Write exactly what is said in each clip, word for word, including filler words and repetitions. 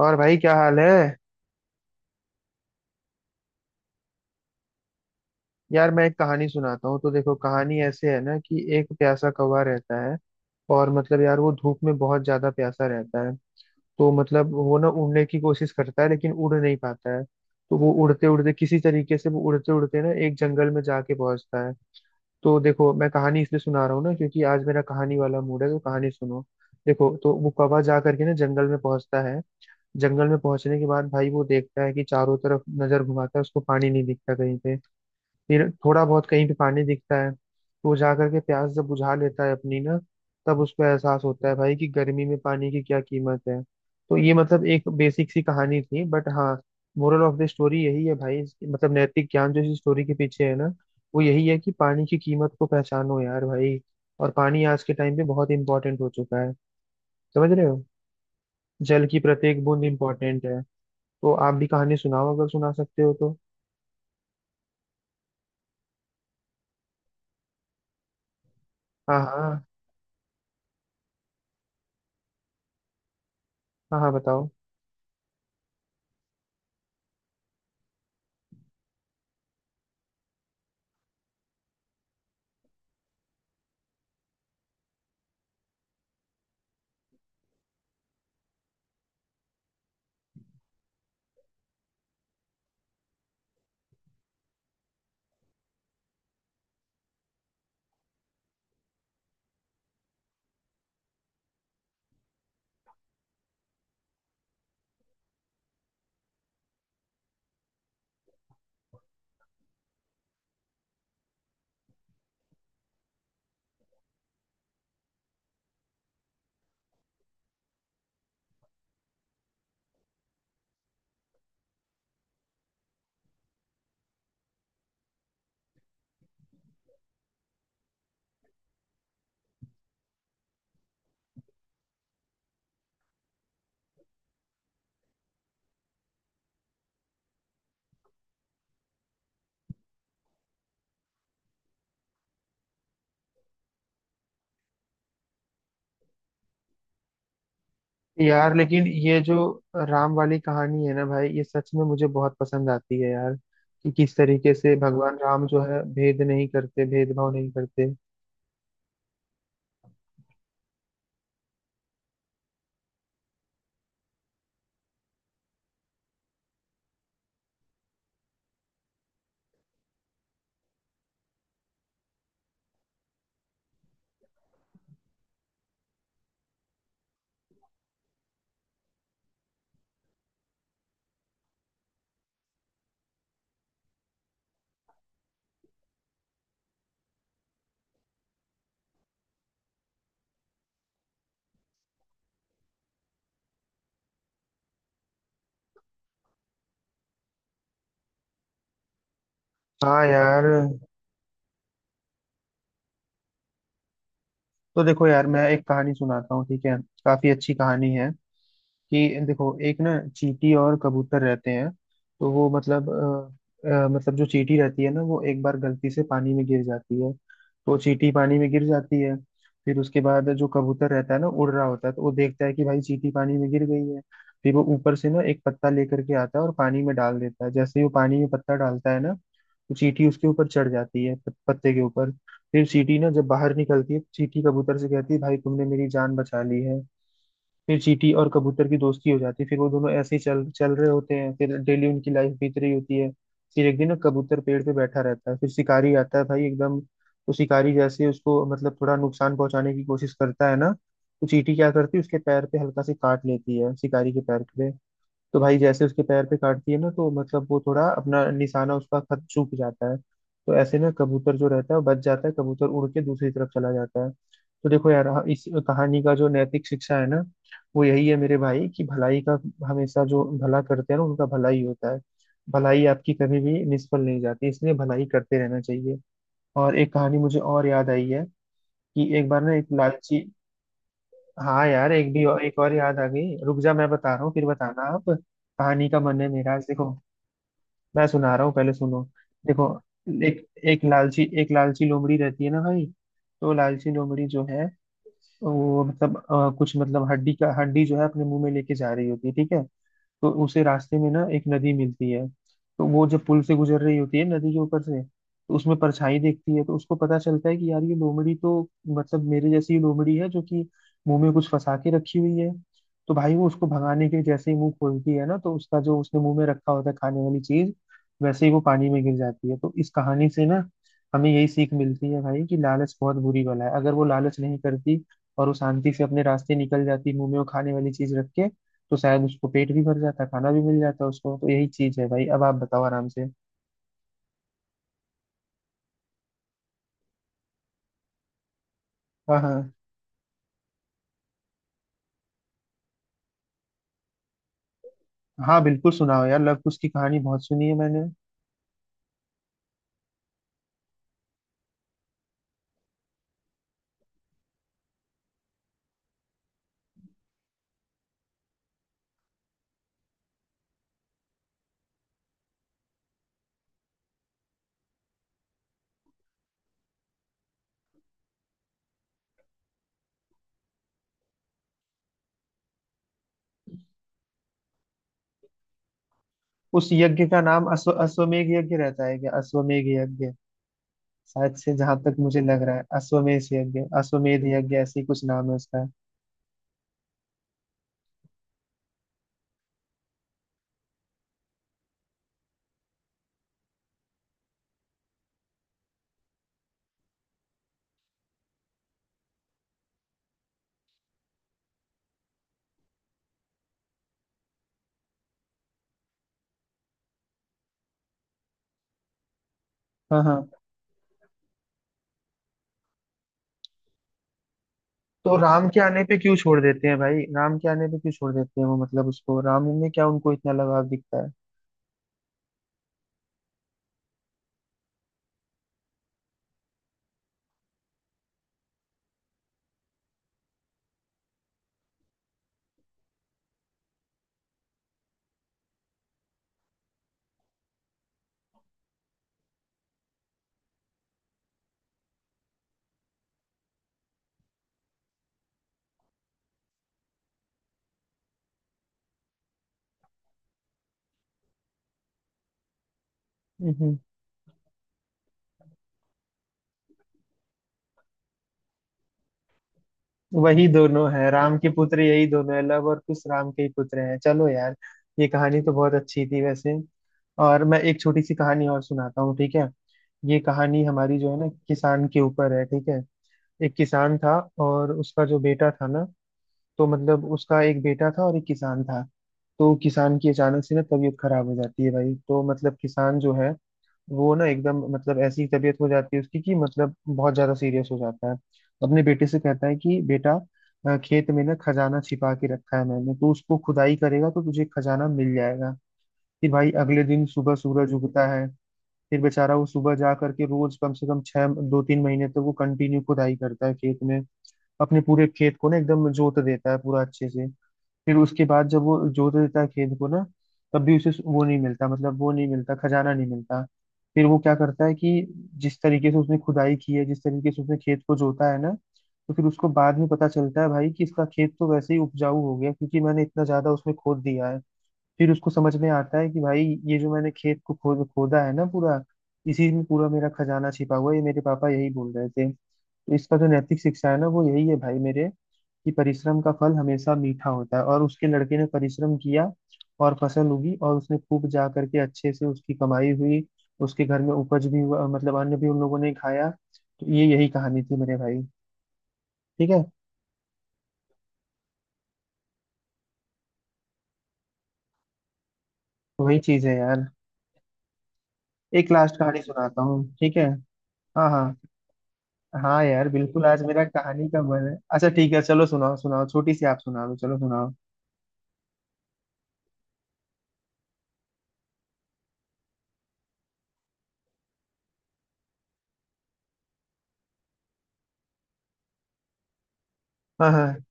और भाई क्या हाल है। यार मैं एक कहानी सुनाता हूँ तो देखो कहानी ऐसे है ना कि एक प्यासा कौवा रहता है। और मतलब यार वो धूप में बहुत ज्यादा प्यासा रहता है। तो मतलब वो ना उड़ने की कोशिश करता है लेकिन उड़ नहीं पाता है। तो वो उड़ते उड़ते किसी तरीके से वो उड़ते उड़ते ना एक जंगल में जाके पहुंचता है। तो देखो मैं कहानी इसलिए सुना रहा हूँ ना क्योंकि आज मेरा कहानी वाला मूड है तो कहानी सुनो। देखो तो वो कौवा जा करके ना जंगल में पहुंचता है। जंगल में पहुंचने के बाद भाई वो देखता है कि चारों तरफ नजर घुमाता है उसको पानी नहीं दिखता कहीं पे। फिर थोड़ा बहुत कहीं पे पानी दिखता है तो वो जा करके प्यास जब बुझा लेता है अपनी ना। तब उसको एहसास होता है भाई कि गर्मी में पानी की क्या कीमत है। तो ये मतलब एक बेसिक सी कहानी थी बट हाँ। मोरल ऑफ द स्टोरी यही है भाई इसकी- मतलब नैतिक ज्ञान जो इस स्टोरी के पीछे है ना। वो यही है कि पानी की कीमत को पहचानो यार भाई। और पानी आज के टाइम पे बहुत इंपॉर्टेंट हो चुका है। समझ रहे हो। जल की प्रत्येक बूंद इंपॉर्टेंट है। तो आप भी कहानी सुनाओ अगर सुना सकते हो तो। हाँ हाँ। हाँ हाँ बताओ। यार लेकिन ये जो राम वाली कहानी है ना भाई ये सच में मुझे बहुत पसंद आती है यार। कि किस तरीके से भगवान राम जो है भेद नहीं करते भेदभाव नहीं करते। हाँ यार। तो देखो यार मैं एक कहानी सुनाता हूँ ठीक है। काफी अच्छी कहानी है। कि देखो एक ना चींटी और कबूतर रहते हैं। तो वो मतलब अ, अ, मतलब जो चींटी रहती है ना वो एक बार गलती से पानी में गिर जाती है। तो चींटी पानी में गिर जाती है। फिर उसके बाद जो कबूतर रहता है ना उड़ रहा होता है तो वो देखता है कि भाई चींटी पानी में गिर गई है। फिर वो ऊपर से ना एक पत्ता लेकर के आता है और पानी में डाल देता है जैसे ही वो पानी में पत्ता डालता है ना। तो चींटी उसके ऊपर चढ़ जाती है प- पत्ते के ऊपर। फिर चींटी ना जब बाहर निकलती है तो चींटी कबूतर से कहती है भाई तुमने मेरी जान बचा ली है। फिर चींटी और कबूतर की दोस्ती हो जाती है फिर वो दोनों ऐसे ही चल चल रहे होते हैं फिर डेली उनकी लाइफ बीत रही होती है। फिर एक दिन ना कबूतर पेड़ पे बैठा रहता है फिर शिकारी आता है भाई एकदम तो शिकारी जैसे उसको मतलब थोड़ा नुकसान पहुंचाने की कोशिश करता है ना। तो चींटी क्या करती है उसके पैर पे हल्का से काट लेती है शिकारी के पैर पे। तो भाई जैसे उसके पैर पे काटती है ना तो मतलब वो थोड़ा अपना निशाना उसका खत चूक जाता है तो ऐसे ना कबूतर जो रहता है वो बच जाता है कबूतर उड़ के दूसरी तरफ चला जाता है। तो देखो यार, हाँ, इस कहानी का जो नैतिक शिक्षा है ना। वो यही है मेरे भाई कि भलाई का हमेशा जो भला करते हैं ना उनका भलाई होता है। भलाई आपकी कभी भी निष्फल नहीं जाती इसलिए भलाई करते रहना चाहिए। और एक कहानी मुझे और याद आई है। कि एक बार ना एक लालची। हाँ यार एक भी और एक और याद आ गई रुक जा मैं बता रहा हूँ फिर बताना आप, कहानी का मन है मेरा आज, देखो। मैं सुना रहा हूँ पहले सुनो। देखो एक एक लालची एक लालची लोमड़ी रहती है ना भाई। तो लालची लोमड़ी जो है वो मतलब अ, कुछ मतलब हड्डी का हड्डी जो है अपने मुंह में लेके जा रही होती है ठीक है। तो उसे रास्ते में ना एक नदी मिलती है। तो वो जब पुल से गुजर रही होती है नदी के ऊपर से तो उसमें परछाई देखती है तो उसको पता चलता है कि यार ये लोमड़ी तो मतलब मेरे जैसी ही लोमड़ी है जो कि मुंह में कुछ फंसा के रखी हुई है। तो भाई वो उसको भगाने के लिए जैसे ही मुंह खोलती है ना तो उसका जो उसने मुंह में रखा होता है खाने वाली चीज वैसे ही वो पानी में गिर जाती है। तो इस कहानी से ना हमें यही सीख मिलती है भाई कि लालच बहुत बुरी बला है अगर वो लालच नहीं करती और वो शांति से अपने रास्ते निकल जाती मुंह में वो खाने वाली चीज रख के तो शायद उसको पेट भी भर जाता खाना भी मिल जाता उसको। तो यही चीज है भाई अब आप बताओ आराम से। हाँ हाँ। हाँ बिल्कुल सुनाओ यार लव कुश की कहानी बहुत सुनी है मैंने। उस यज्ञ का नाम अश्व अश्वमेघ यज्ञ रहता है क्या, अश्वमेघ यज्ञ। शायद से जहां तक मुझे लग रहा है अश्वमेध यज्ञ अश्वमेध यज्ञ ऐसे ही कुछ नाम है उसका। हाँ हाँ। तो राम के आने पे क्यों छोड़ देते हैं भाई, राम के आने पे क्यों छोड़ देते हैं वो, मतलब उसको राम में क्या उनको इतना लगाव दिखता है। वही दोनों है राम के पुत्र, यही दोनों है लव और कुश राम के ही पुत्र हैं, चलो यार। ये कहानी तो बहुत अच्छी थी वैसे। और मैं एक छोटी सी कहानी और सुनाता हूँ ठीक है। ये कहानी हमारी जो है ना किसान के ऊपर है ठीक है। एक किसान था। और उसका जो बेटा था ना। तो मतलब उसका एक बेटा था और एक किसान था। तो किसान की अचानक से ना तबीयत खराब हो जाती है भाई तो मतलब किसान जो है वो ना एकदम मतलब ऐसी तबीयत हो जाती है उसकी कि मतलब बहुत ज्यादा सीरियस हो जाता है। अपने बेटे से कहता है कि बेटा अ, खेत में ना खजाना छिपा के रखा है मैंने तो उसको खुदाई करेगा तो तुझे खजाना मिल जाएगा। फिर भाई अगले दिन सुबह सूरज उगता है। फिर बेचारा वो सुबह जा करके रोज कम से कम छह दो तीन महीने तक वो कंटिन्यू खुदाई करता है खेत में। अपने पूरे खेत को ना एकदम जोत देता है पूरा अच्छे से। फिर उसके बाद जब वो जोत देता है खेत को ना तब भी उसे वो नहीं मिलता मतलब वो नहीं मिलता खजाना नहीं मिलता। फिर वो क्या करता है कि जिस तरीके से उसने खुदाई की है जिस तरीके से उसने खेत को जोता है ना तो फिर उसको बाद में पता चलता है भाई कि इसका खेत तो वैसे ही उपजाऊ हो गया क्योंकि मैंने इतना ज्यादा उसमें खोद दिया है। फिर उसको समझ में आता है कि भाई ये जो मैंने खेत को खोद खोदा है ना पूरा इसी में पूरा मेरा खजाना छिपा हुआ है ये मेरे पापा यही बोल रहे थे। तो इसका जो नैतिक शिक्षा है ना वो यही है भाई मेरे कि परिश्रम का फल हमेशा मीठा होता है और उसके लड़के ने परिश्रम किया। और फसल उगी और उसने खूब जा करके अच्छे से उसकी कमाई हुई। उसके घर में उपज भी हुआ मतलब अन्न भी उन लोगों ने खाया। तो ये यही कहानी थी मेरे भाई। ठीक है। वही चीज है यार। एक लास्ट कहानी सुनाता हूँ ठीक है। हाँ हाँ। हाँ यार बिल्कुल आज मेरा कहानी का मन है, अच्छा ठीक है चलो सुनाओ सुनाओ छोटी सी आप सुना दो, चलो सुनाओ। हाँ हाँ।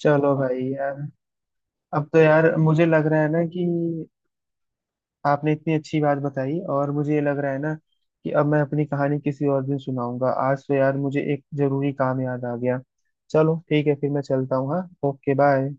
चलो भाई यार। अब तो यार मुझे लग रहा है ना कि आपने इतनी अच्छी बात बताई और मुझे ये लग रहा है ना कि अब मैं अपनी कहानी किसी और दिन सुनाऊंगा, आज तो यार मुझे एक जरूरी काम याद आ गया। चलो ठीक है फिर मैं चलता हूँ, हाँ ओके बाय।